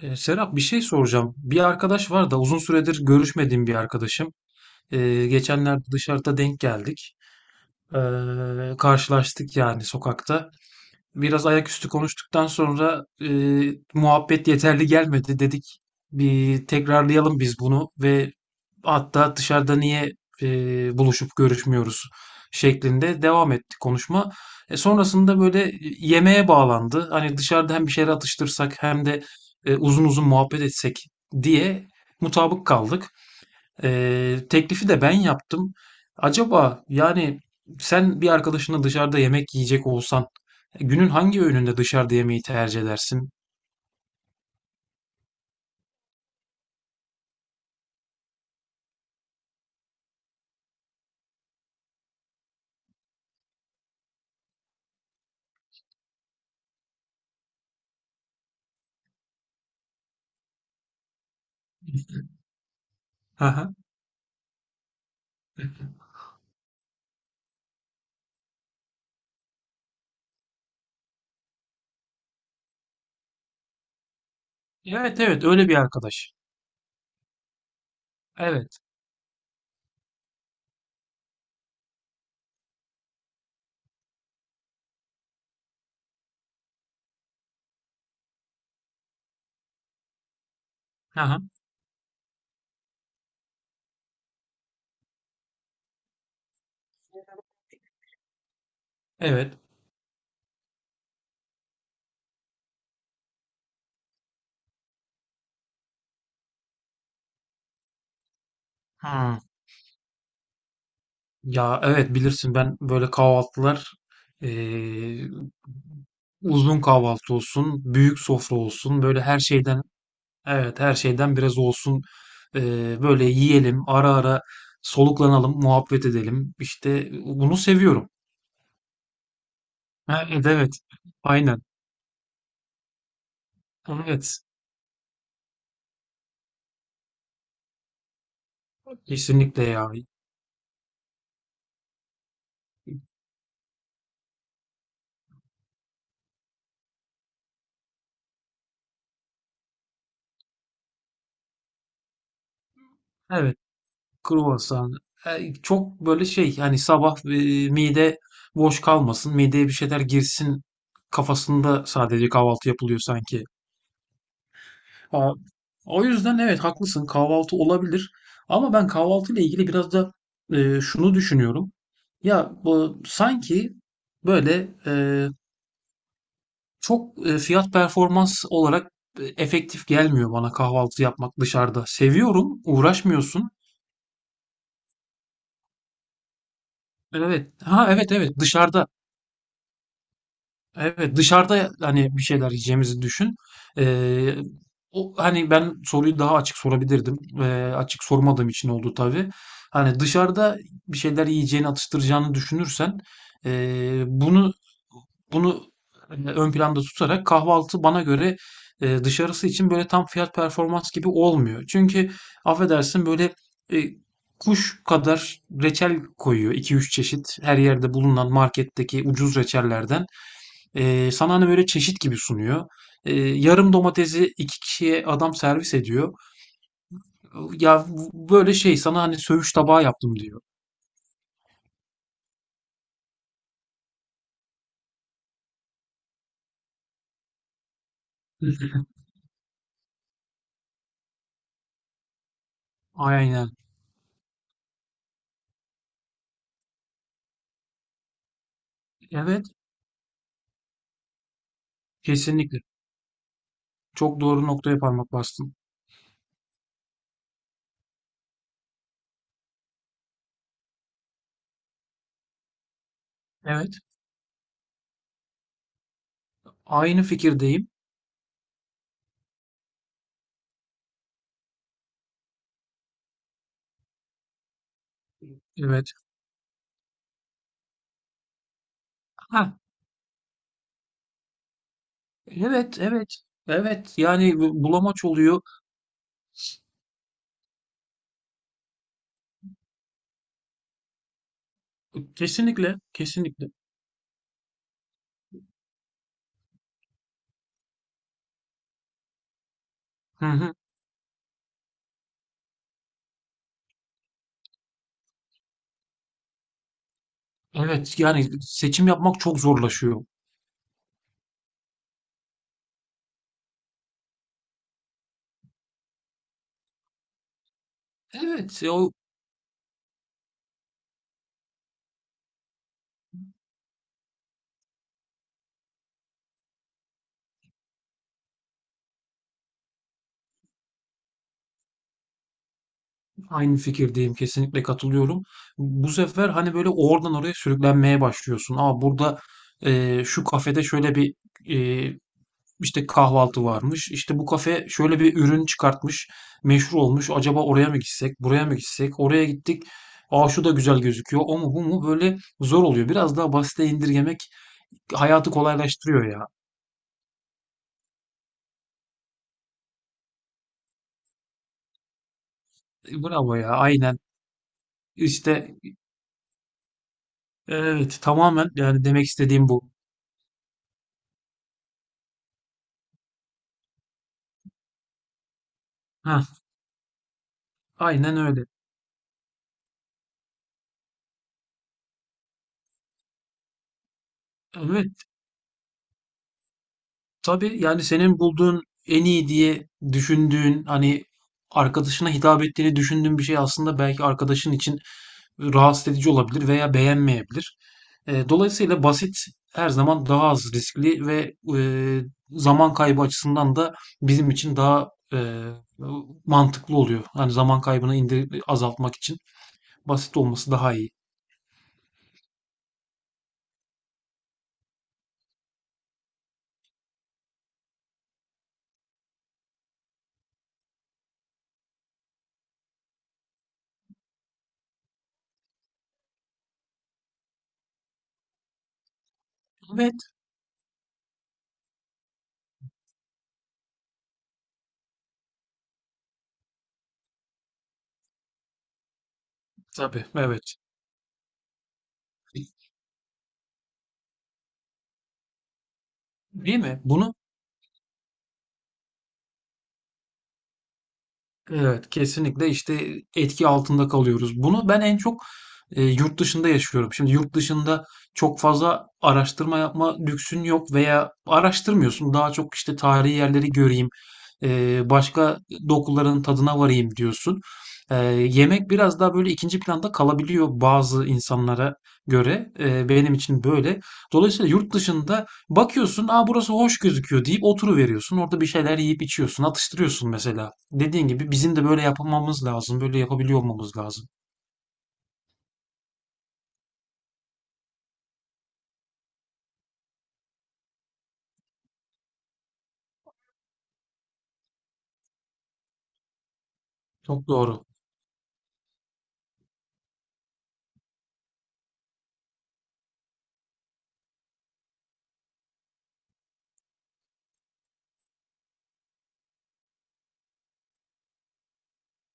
Serap, bir şey soracağım. Bir arkadaş var da uzun süredir görüşmediğim bir arkadaşım. Geçenlerde dışarıda denk geldik. Karşılaştık yani sokakta, biraz ayaküstü konuştuktan sonra muhabbet yeterli gelmedi dedik. Bir tekrarlayalım biz bunu ve hatta dışarıda niye e, buluşup görüşmüyoruz şeklinde devam etti konuşma. Sonrasında böyle yemeğe bağlandı. Hani dışarıda hem bir şeyler atıştırsak hem de uzun uzun muhabbet etsek diye mutabık kaldık. Teklifi de ben yaptım. Acaba yani, sen bir arkadaşınla dışarıda yemek yiyecek olsan, günün hangi öğününde dışarıda yemeği tercih edersin? Aha. Evet, evet, öyle bir arkadaş. Evet. Aha. Evet. Hmm. Ya evet, bilirsin ben böyle kahvaltılar, ee, uzun kahvaltı olsun, büyük sofra olsun, böyle her şeyden, evet, her şeyden biraz olsun. Böyle yiyelim, ara ara soluklanalım, muhabbet edelim. İşte bunu seviyorum. Ha, evet, evet. Aynen. Evet, kesinlikle ya. Evet, kruvasan. Çok böyle şey, hani sabah mide boş kalmasın, mideye bir şeyler girsin, kafasında sadece kahvaltı yapılıyor sanki. Ha, o yüzden evet haklısın, kahvaltı olabilir. Ama ben kahvaltı ile ilgili biraz da şunu düşünüyorum. Ya bu sanki böyle, çok, fiyat performans olarak efektif gelmiyor bana kahvaltı yapmak dışarıda. Seviyorum, uğraşmıyorsun. Evet. Ha, evet, evet, dışarıda. Evet, dışarıda hani bir şeyler yiyeceğimizi düşün. Ee, Hani ben soruyu daha açık sorabilirdim. Açık sormadığım için oldu tabii. Hani dışarıda bir şeyler yiyeceğini, atıştıracağını düşünürsen, ee, bunu bunu hani ön planda tutarak, kahvaltı bana göre dışarısı için böyle tam fiyat performans gibi olmuyor. Çünkü affedersin böyle, e, kuş kadar reçel koyuyor, iki üç çeşit her yerde bulunan marketteki ucuz reçellerden. Sana hani böyle çeşit gibi sunuyor. Yarım domatesi iki kişiye adam servis ediyor. Ya, böyle şey sana hani söğüş tabağı yaptım diyor. Hı hı. Aynen. Evet, kesinlikle. Çok doğru noktaya parmak bastın. Evet, aynı fikirdeyim. Evet. Ha, evet, evet. Evet, yani bulamaç oluyor. Kesinlikle, kesinlikle. Hı hı. Evet, yani seçim yapmak çok zorlaşıyor. Evet, aynı fikirdeyim. Kesinlikle katılıyorum. Bu sefer hani böyle oradan oraya sürüklenmeye başlıyorsun. Aa, burada şu kafede şöyle bir, eee, işte kahvaltı varmış. İşte bu kafe şöyle bir ürün çıkartmış. Meşhur olmuş. Acaba oraya mı gitsek? Buraya mı gitsek? Oraya gittik. Aa, şu da güzel gözüküyor. O mu bu mu? Böyle zor oluyor. Biraz daha basite indirgemek hayatı kolaylaştırıyor ya. Bravo ya. Aynen. İşte evet, tamamen yani demek istediğim bu. Heh, aynen öyle. Evet. Tabii yani, senin bulduğun en iyi diye düşündüğün, hani arkadaşına hitap ettiğini düşündüğün bir şey aslında belki arkadaşın için rahatsız edici olabilir veya beğenmeyebilir. Dolayısıyla basit her zaman daha az riskli ve zaman kaybı açısından da bizim için daha mantıklı oluyor. Hani zaman kaybını azaltmak için basit olması daha iyi. Evet. Tabii, evet. Değil mi? Evet, kesinlikle işte, etki altında kalıyoruz. Bunu ben en çok yurt dışında yaşıyorum. Şimdi yurt dışında çok fazla araştırma yapma lüksün yok veya araştırmıyorsun. Daha çok işte tarihi yerleri göreyim, başka dokuların tadına varayım diyorsun. Yemek biraz daha böyle ikinci planda kalabiliyor bazı insanlara göre. Benim için böyle. Dolayısıyla yurt dışında bakıyorsun, aa burası hoş gözüküyor deyip oturuveriyorsun. Orada bir şeyler yiyip içiyorsun, atıştırıyorsun mesela. Dediğin gibi bizim de böyle yapmamız lazım, böyle yapabiliyor olmamız lazım. Çok doğru.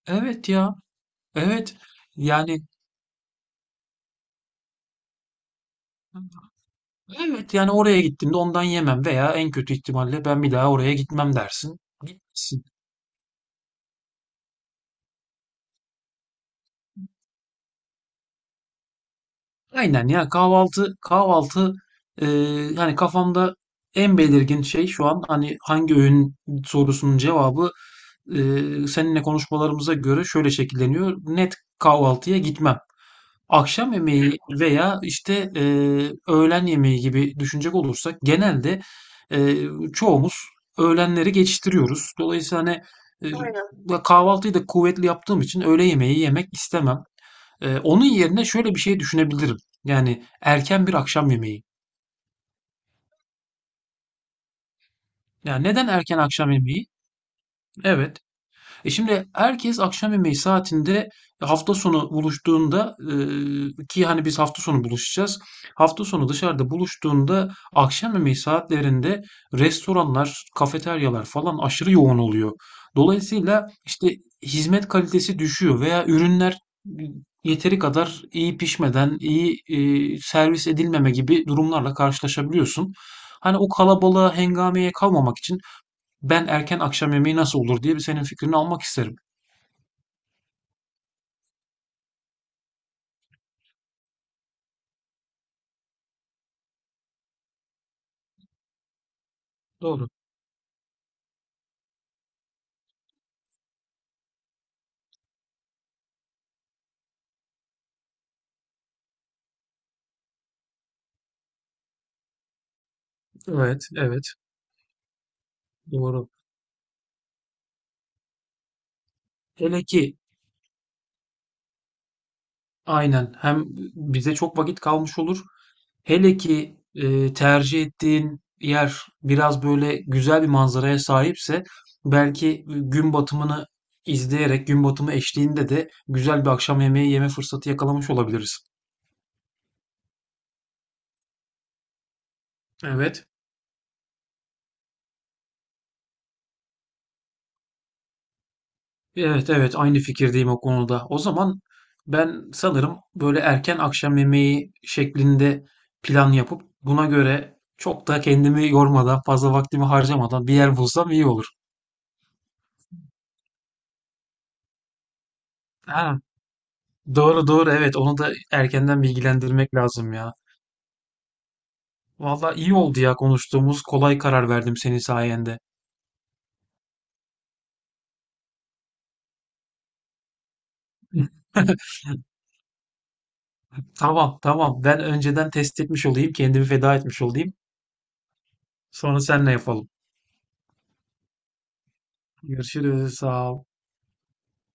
Evet ya, evet. Yani evet yani, oraya gittiğimde ondan yemem veya en kötü ihtimalle ben bir daha oraya gitmem dersin. Gitmezsin. Aynen ya, kahvaltı, kahvaltı e, hani kafamda en belirgin şey şu an, hani hangi öğün sorusunun cevabı, e, seninle konuşmalarımıza göre şöyle şekilleniyor. Net kahvaltıya gitmem. Akşam yemeği veya işte öğlen yemeği gibi düşünecek olursak, genelde e, çoğumuz öğlenleri geçiştiriyoruz. Dolayısıyla hani, aynen, kahvaltıyı da kuvvetli yaptığım için öğle yemeği yemek istemem. Onun yerine şöyle bir şey düşünebilirim. Yani erken bir akşam yemeği. Yani neden erken akşam yemeği? Evet, şimdi herkes akşam yemeği saatinde hafta sonu buluştuğunda, ki hani biz hafta sonu buluşacağız. Hafta sonu dışarıda buluştuğunda akşam yemeği saatlerinde restoranlar, kafeteryalar falan aşırı yoğun oluyor. Dolayısıyla işte hizmet kalitesi düşüyor veya ürünler yeteri kadar iyi pişmeden, iyi servis edilmeme gibi durumlarla karşılaşabiliyorsun. Hani o kalabalığa, hengameye kalmamak için, ben erken akşam yemeği nasıl olur diye bir senin fikrini almak isterim. Doğru. Evet, evet, doğru. Hele ki aynen, hem bize çok vakit kalmış olur. Hele ki tercih ettiğin yer biraz böyle güzel bir manzaraya sahipse, belki gün batımını izleyerek, gün batımı eşliğinde de güzel bir akşam yemeği yeme fırsatı yakalamış olabiliriz. Evet. Evet, evet, aynı fikirdeyim o konuda. O zaman ben sanırım böyle erken akşam yemeği şeklinde plan yapıp, buna göre çok da kendimi yormadan, fazla vaktimi harcamadan bir yer bulsam iyi olur. Ha, doğru doğru, evet, onu da erkenden bilgilendirmek lazım ya. Vallahi iyi oldu ya, konuştuğumuz, kolay karar verdim senin sayende. Tamam, tamam, ben önceden test etmiş olayım, kendimi feda etmiş olayım. Sonra seninle yapalım. Görüşürüz, sağ ol.